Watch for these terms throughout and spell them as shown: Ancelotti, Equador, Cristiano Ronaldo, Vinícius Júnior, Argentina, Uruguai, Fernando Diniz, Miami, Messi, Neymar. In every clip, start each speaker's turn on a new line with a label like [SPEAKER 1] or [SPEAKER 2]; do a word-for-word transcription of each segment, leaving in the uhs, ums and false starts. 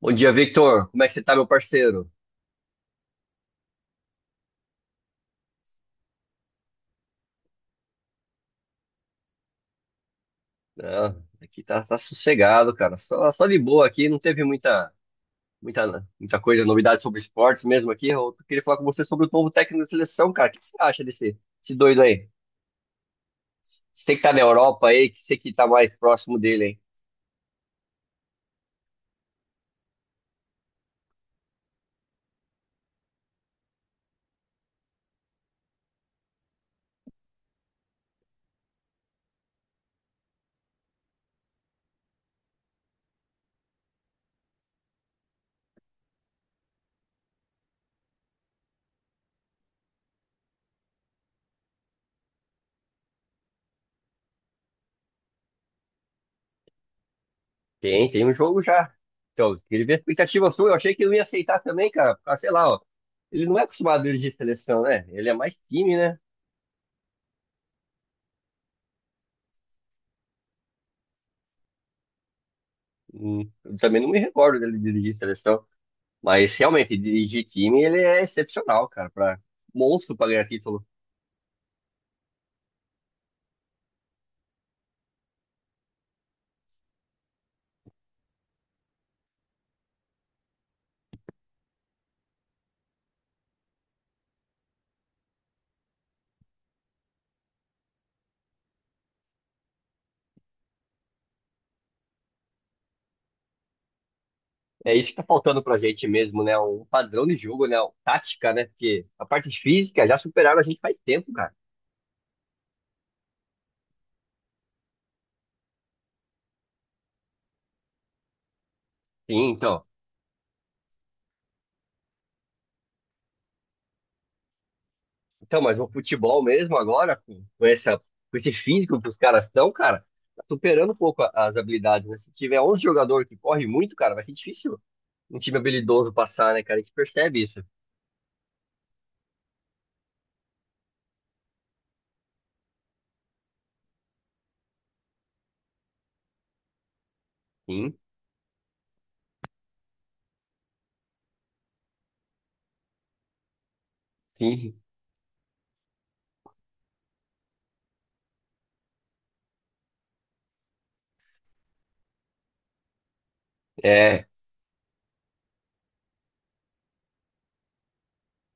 [SPEAKER 1] Bom dia, Victor. Como é que você tá, meu parceiro? Ah, aqui tá, tá sossegado, cara. Só, só de boa aqui, não teve muita, muita, muita coisa, novidade sobre esportes mesmo aqui. Eu queria falar com você sobre o novo técnico da seleção, cara. O que você acha desse, desse doido aí? Você que tá na Europa aí, que você que tá mais próximo dele, hein? Tem, tem um jogo já. Então, eu queria ver a expectativa sua. Eu achei que ele não ia aceitar também, cara. Ah, sei lá, ó. Ele não é acostumado a dirigir seleção, né? Ele é mais time, né? Hum, eu também não me recordo dele dirigir seleção. Mas realmente, dirigir time, ele é excepcional, cara, para monstro para ganhar título. É isso que tá faltando pra gente mesmo, né? Um padrão de jogo, né? Um Tática, né? Porque a parte física já superaram a gente faz tempo, cara. Sim, então. Então, mas no futebol mesmo agora, com, com essa, com esse físico que os caras estão, cara, tá superando um pouco a- as habilidades, né? Se tiver onze jogador que corre muito, cara, vai ser difícil um time habilidoso passar, né, cara? A gente percebe isso. Sim, sim. É,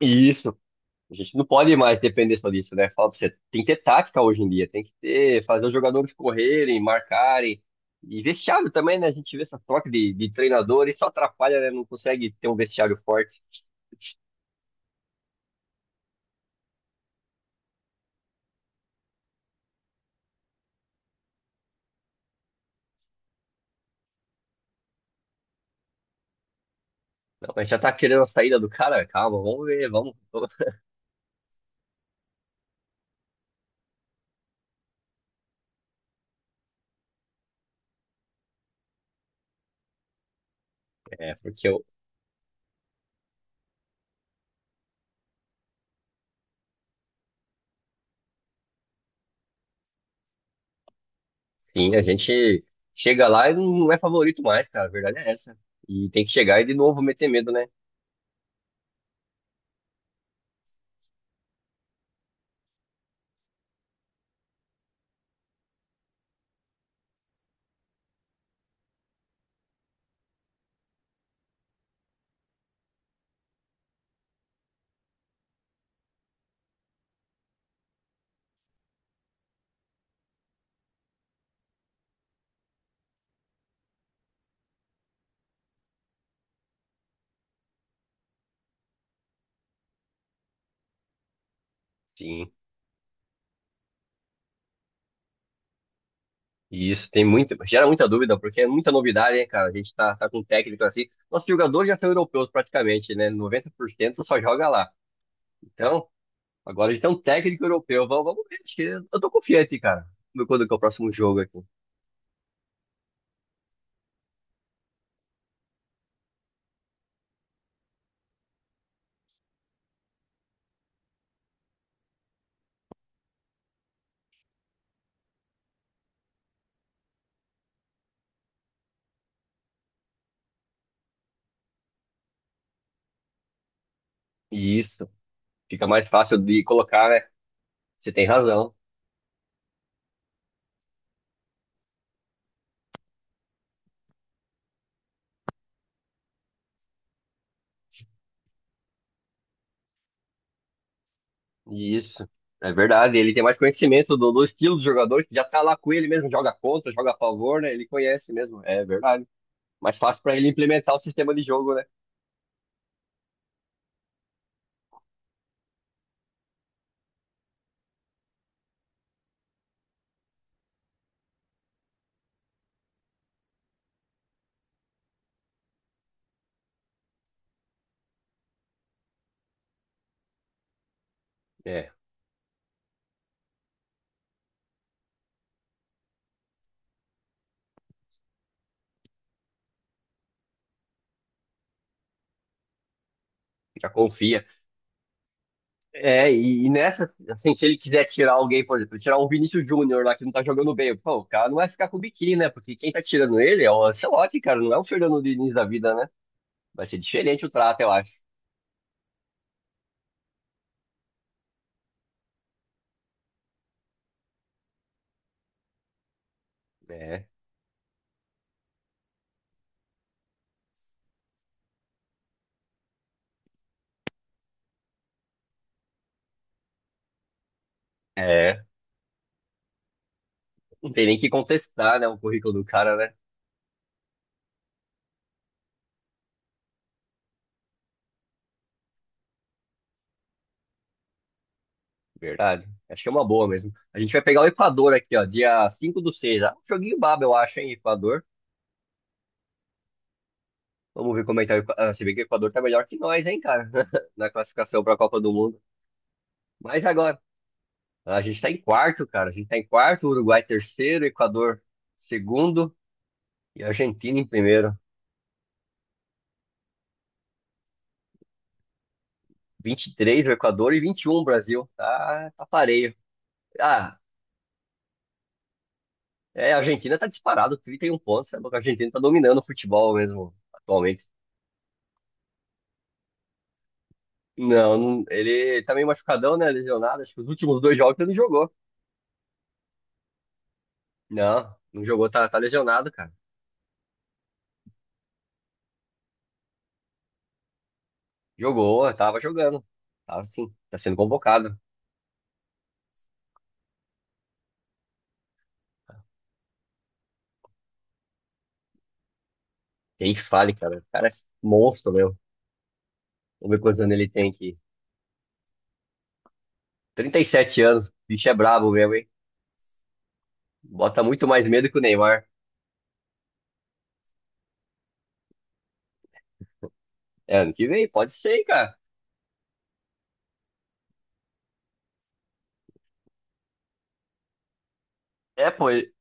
[SPEAKER 1] isso. A gente não pode mais depender só disso, né? Fala pra você, tem que ter tática hoje em dia, tem que ter, fazer os jogadores correrem, marcarem. E vestiário também, né? A gente vê essa troca de, de treinador e só atrapalha, né? Não consegue ter um vestiário forte. Não, mas já tá querendo a saída do cara? Calma, vamos ver, vamos. É, porque eu- sim, a gente chega lá e não é favorito mais, cara. A verdade é essa. E tem que chegar e de novo meter medo, né? Sim. E isso tem muito, gera muita dúvida, porque é muita novidade, hein, cara? A gente tá, tá com um técnico assim. Nossos jogadores já são europeus praticamente, né? Noventa por cento só joga lá. Então, agora a gente tem um técnico europeu. Vamos, vamos ver. acho que Eu tô confiante, cara. Vamos ver Quando que é o próximo jogo aqui. E isso. Fica mais fácil de colocar, né? Você tem razão. E isso. É verdade. Ele tem mais conhecimento do, do estilo dos jogadores, que já tá lá com ele mesmo, joga contra, joga a favor, né? Ele conhece mesmo. É verdade. Mais fácil pra ele implementar o sistema de jogo, né? É, já confia. É, e, e nessa, assim, se ele quiser tirar alguém, por exemplo, tirar um Vinícius Júnior lá que não tá jogando bem, pô, o cara não vai ficar com o biquíni, né? Porque quem tá tirando ele é o Ancelotti, cara, não é o Fernando Diniz da vida, né? Vai ser diferente o trato, eu acho. É, é, não tem nem que contestar, né, o currículo do cara, né? Verdade. Acho que é uma boa mesmo. A gente vai pegar o Equador aqui, ó, dia cinco do seis. Ah, um joguinho baba, eu acho, hein, Equador. Vamos ver como é que tá o Equa- ah, se bem que o Equador tá melhor que nós, hein, cara, na classificação pra Copa do Mundo. Mas agora. A gente tá em quarto, cara. A gente tá em quarto, Uruguai terceiro, Equador segundo e Argentina em primeiro. vinte e três o Equador e vinte e um o Brasil. Tá, tá pareio. Ah, é, a Argentina tá disparado, trinta e um pontos. Sabe? A Argentina tá dominando o futebol mesmo atualmente. Não, não- ele tá meio machucadão, né? Lesionado. Acho que os últimos dois jogos ele não jogou. Não, não jogou, tá, tá lesionado, cara. Jogou, tava jogando. Tava sim, tá sendo convocado. Quem fale, cara. O cara é monstro, meu. Vamos ver quantos anos ele tem aqui. Trinta e sete anos, o bicho é brabo mesmo, hein? Bota muito mais medo que o Neymar. É, ano que vem, pode ser, hein, cara. É, pô, ele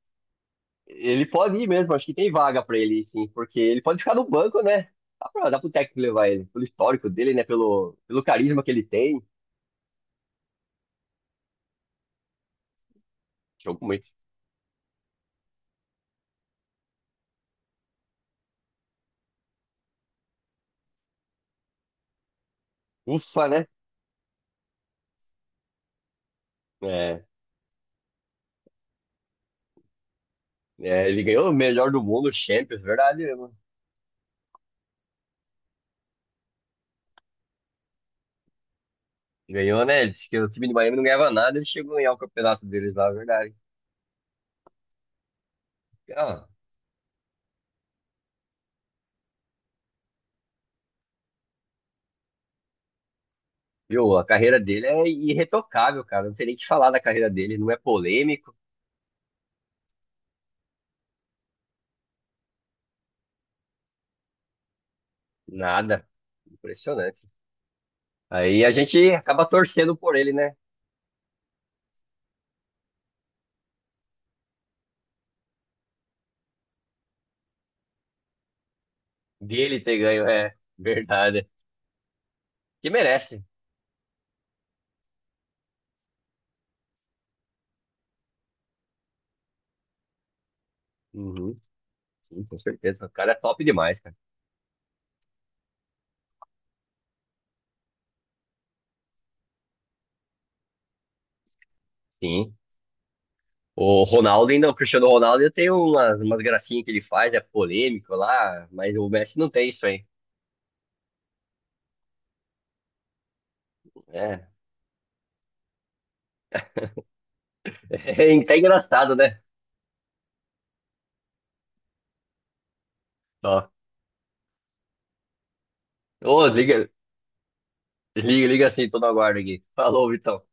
[SPEAKER 1] ele pode ir mesmo, acho que tem vaga pra ele, ir, sim, porque ele pode ficar no banco, né? Dá, pra, dá pro técnico levar ele, pelo histórico dele, né? Pelo, pelo carisma que ele tem. Jogo muito. Ufa, né? É, é, ele ganhou o melhor do mundo, o Champions, verdade mesmo. Ganhou, né? Ele disse que o time de Miami não ganhava nada, ele chegou a ganhar o campeonato deles lá, verdade. Ah, Viu? A carreira dele é irretocável, cara. Não tem nem o que falar da carreira dele. Não é polêmico, nada. Impressionante. Aí a gente acaba torcendo por ele, né? Dele ter ganho, é verdade. Que merece. Uhum, sim, com certeza. O cara é top demais, cara. Sim. O Ronaldo ainda, o Cristiano Ronaldo tem umas, umas gracinhas que ele faz, é polêmico lá, mas o Messi não tem isso aí. É, é até engraçado, né? Ó, Ô, liga, liga, liga assim, tô no aguardo aqui. Falou, Vitão. Até.